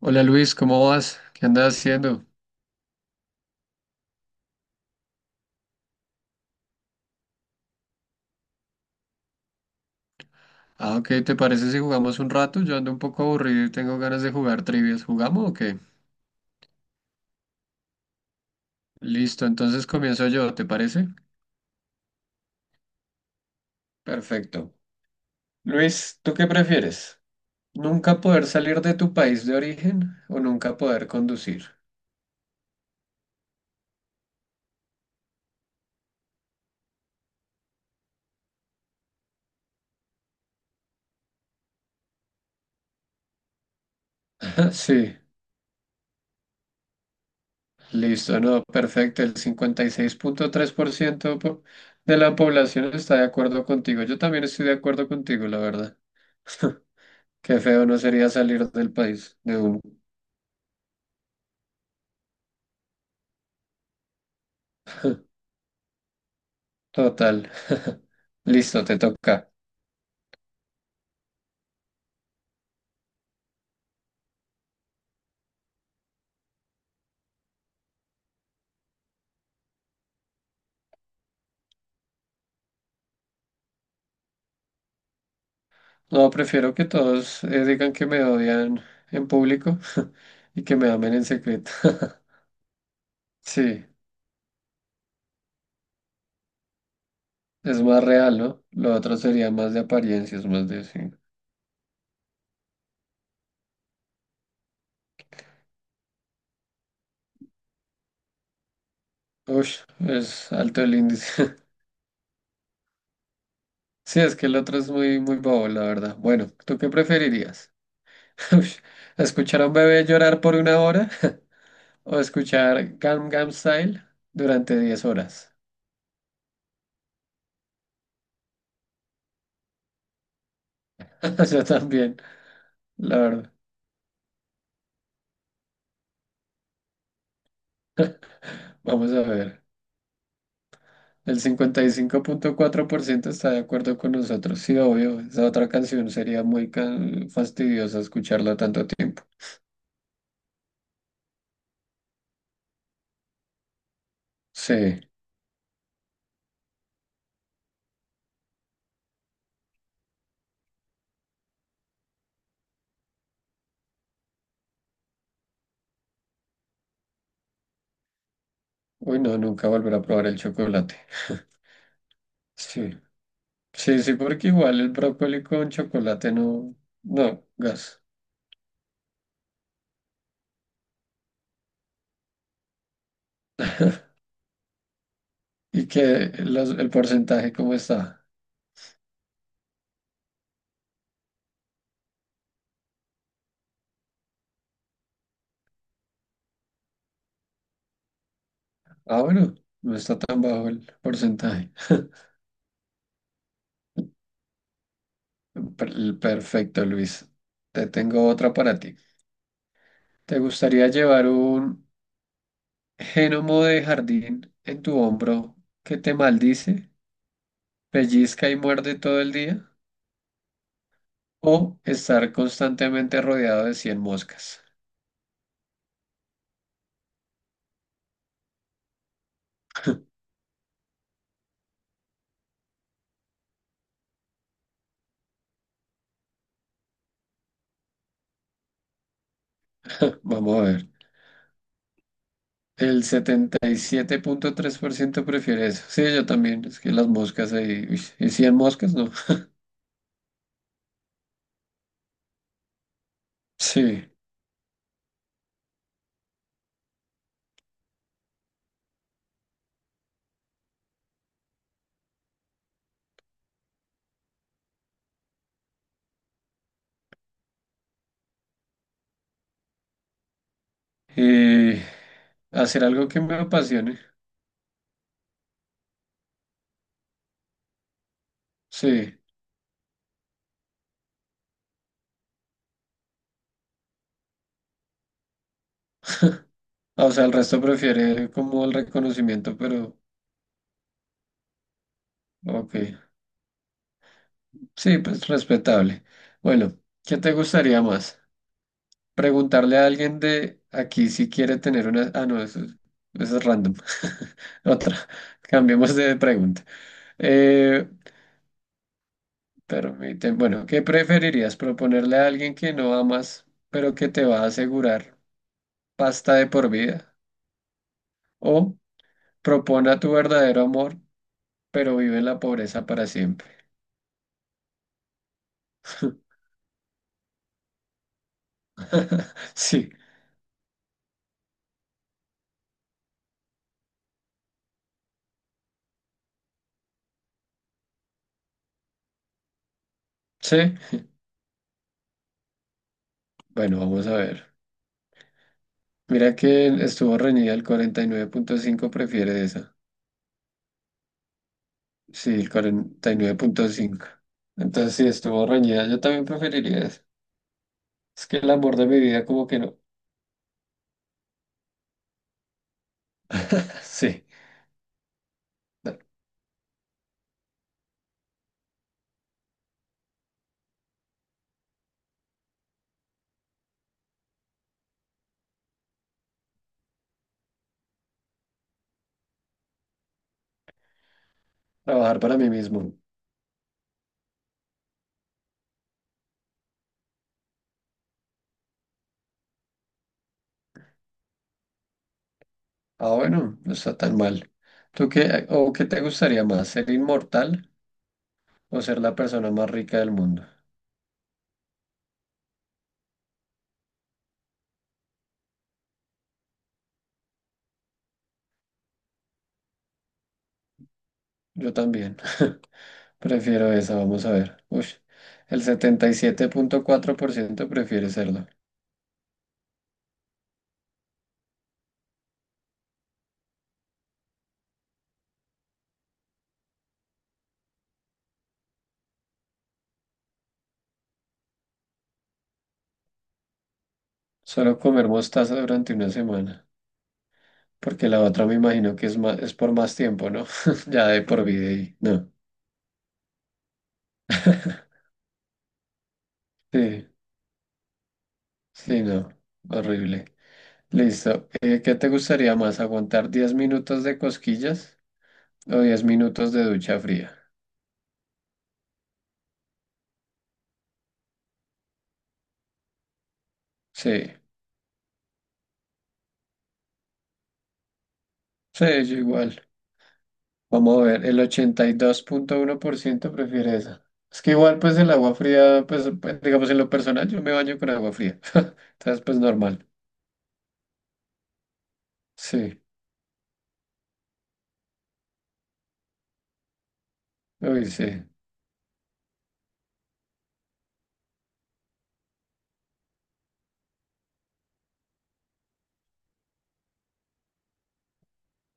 Hola Luis, ¿cómo vas? ¿Qué andas haciendo? Ah, ok, ¿te parece si jugamos un rato? Yo ando un poco aburrido y tengo ganas de jugar trivias. ¿Jugamos o qué? Listo, entonces comienzo yo, ¿te parece? Perfecto. Luis, ¿tú qué prefieres? ¿Nunca poder salir de tu país de origen o nunca poder conducir? Sí, listo, no, perfecto. El 56.3% de la población está de acuerdo contigo. Yo también estoy de acuerdo contigo, la verdad. Qué feo no sería salir del país, de un total. Listo, te toca. No, prefiero que todos digan que me odian en público y que me amen en secreto. Sí, es más real, ¿no? Lo otro sería más de apariencias, más de sí. Ush, es alto el índice. Sí, es que el otro es muy bobo, la verdad. Bueno, ¿tú qué preferirías? Ush, ¿escuchar a un bebé llorar por una hora o escuchar Gangnam Style durante 10 horas? Yo también, la verdad. Vamos a ver. El cincuenta y cinco punto cuatro por ciento está de acuerdo con nosotros. Sí, obvio. Esa otra canción sería muy fastidiosa escucharla tanto tiempo. Sí. Uy, no, nunca volver a probar el chocolate. Sí. Sí, sí, porque igual el brócoli con chocolate no, no, gas. Y que el porcentaje, ¿cómo está? Ah, bueno, no está tan bajo el porcentaje. Perfecto, Luis. Te tengo otra para ti. ¿Te gustaría llevar un Génomo de jardín en tu hombro que te maldice, pellizca y muerde todo el día, o estar constantemente rodeado de 100 moscas? Vamos a ver. El setenta y siete punto tres por ciento prefiere eso. Sí, yo también. Es que las moscas ahí. Uy, ¿y 100 moscas? No. Sí. Y hacer algo que me apasione. Sí. Ah, o sea, el resto prefiere como el reconocimiento, pero ok. Sí, pues respetable. Bueno, ¿qué te gustaría más? Preguntarle a alguien de aquí si quiere tener una... Ah, no, eso es random. Otra. Cambiemos de pregunta. Eh, permíteme, bueno, ¿qué preferirías? ¿Proponerle a alguien que no amas, pero que te va a asegurar pasta de por vida? ¿O propone a tu verdadero amor, pero vive en la pobreza para siempre? Sí, sí. Bueno, vamos a ver. Mira que estuvo reñida el 49.5, prefiere esa. Sí, el cuarenta y nueve punto cinco. Entonces sí, estuvo reñida. Yo también preferiría eso. Es que el amor de mi vida como que no. Sí, no, trabajar para mí mismo. Ah, bueno, no está tan mal. ¿Tú qué, o qué te gustaría más, ser inmortal o ser la persona más rica del mundo? Yo también. Prefiero esa, vamos a ver. Uy, el setenta y siete punto cuatro por ciento prefiere serlo. Solo comer mostaza durante una semana. Porque la otra me imagino que es más, es por más tiempo, ¿no? Ya de por vida y no. Sí, sí, no. Horrible. Listo. ¿Qué te gustaría más? ¿Aguantar 10 minutos de cosquillas o 10 minutos de ducha fría? Sí, sí, yo igual. Vamos a ver, el ochenta y dos punto uno por ciento prefiere esa. Es que igual, pues el agua fría, pues, digamos en lo personal, yo me baño con agua fría. Entonces, pues normal. Sí, uy, sí.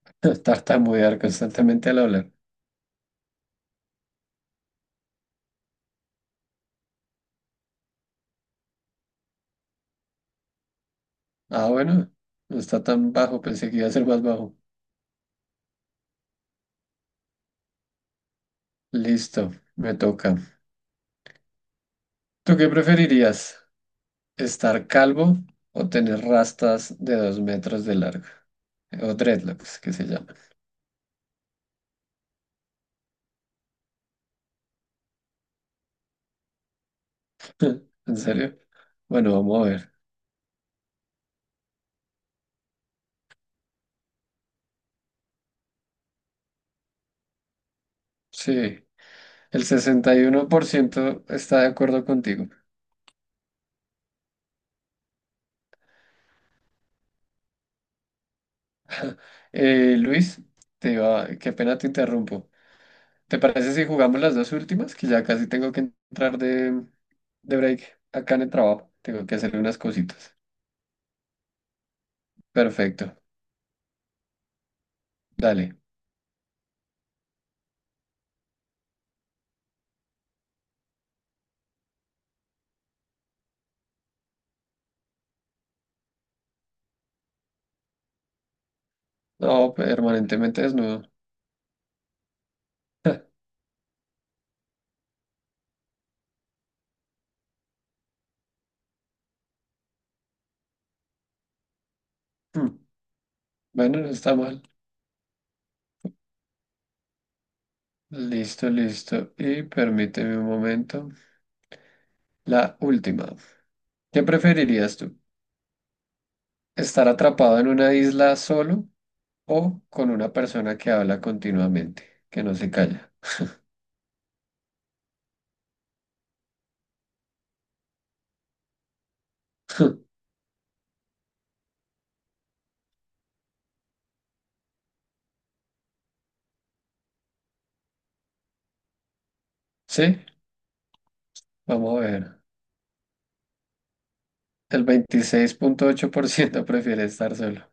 Tartamudear constantemente al hablar. Ah, bueno, no está tan bajo, pensé que iba a ser más bajo. Listo, me toca. ¿Tú qué preferirías? ¿Estar calvo o tener rastas de dos metros de largo? O dreadlocks, que se llama. ¿En serio? Bueno, vamos a ver. Sí, el 61% está de acuerdo contigo. Luis, te iba, qué pena te interrumpo. ¿Te parece si jugamos las dos últimas? Que ya casi tengo que entrar de, de break acá en el trabajo. Tengo que hacer unas cositas. Perfecto, dale. No, permanentemente desnudo. Hmm, bueno, no está mal. Listo, listo. Y permíteme un momento. La última. ¿Qué preferirías tú? ¿Estar atrapado en una isla solo o con una persona que habla continuamente, que no se calla? Sí, vamos a ver. El veintiséis punto ocho por ciento prefiere estar solo.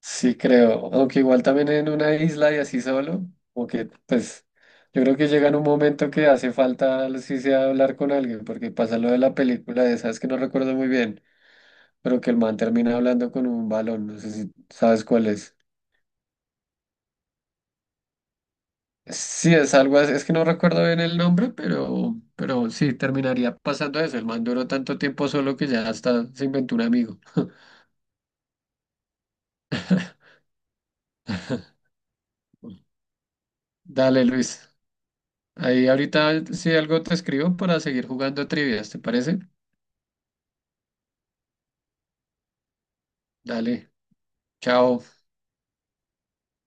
Sí, creo. Aunque igual también en una isla y así solo, como que pues yo creo que llega en un momento que hace falta si sea hablar con alguien, porque pasa lo de la película de esas que no recuerdo muy bien, pero que el man termina hablando con un balón, no sé si sabes cuál es. Sí, es algo así, es que no recuerdo bien el nombre, pero sí, terminaría pasando eso. El man duró tanto tiempo solo que ya hasta se inventó un amigo. Dale, Luis. Ahí ahorita si algo te escribo para seguir jugando trivias, ¿te parece? Dale. Chao.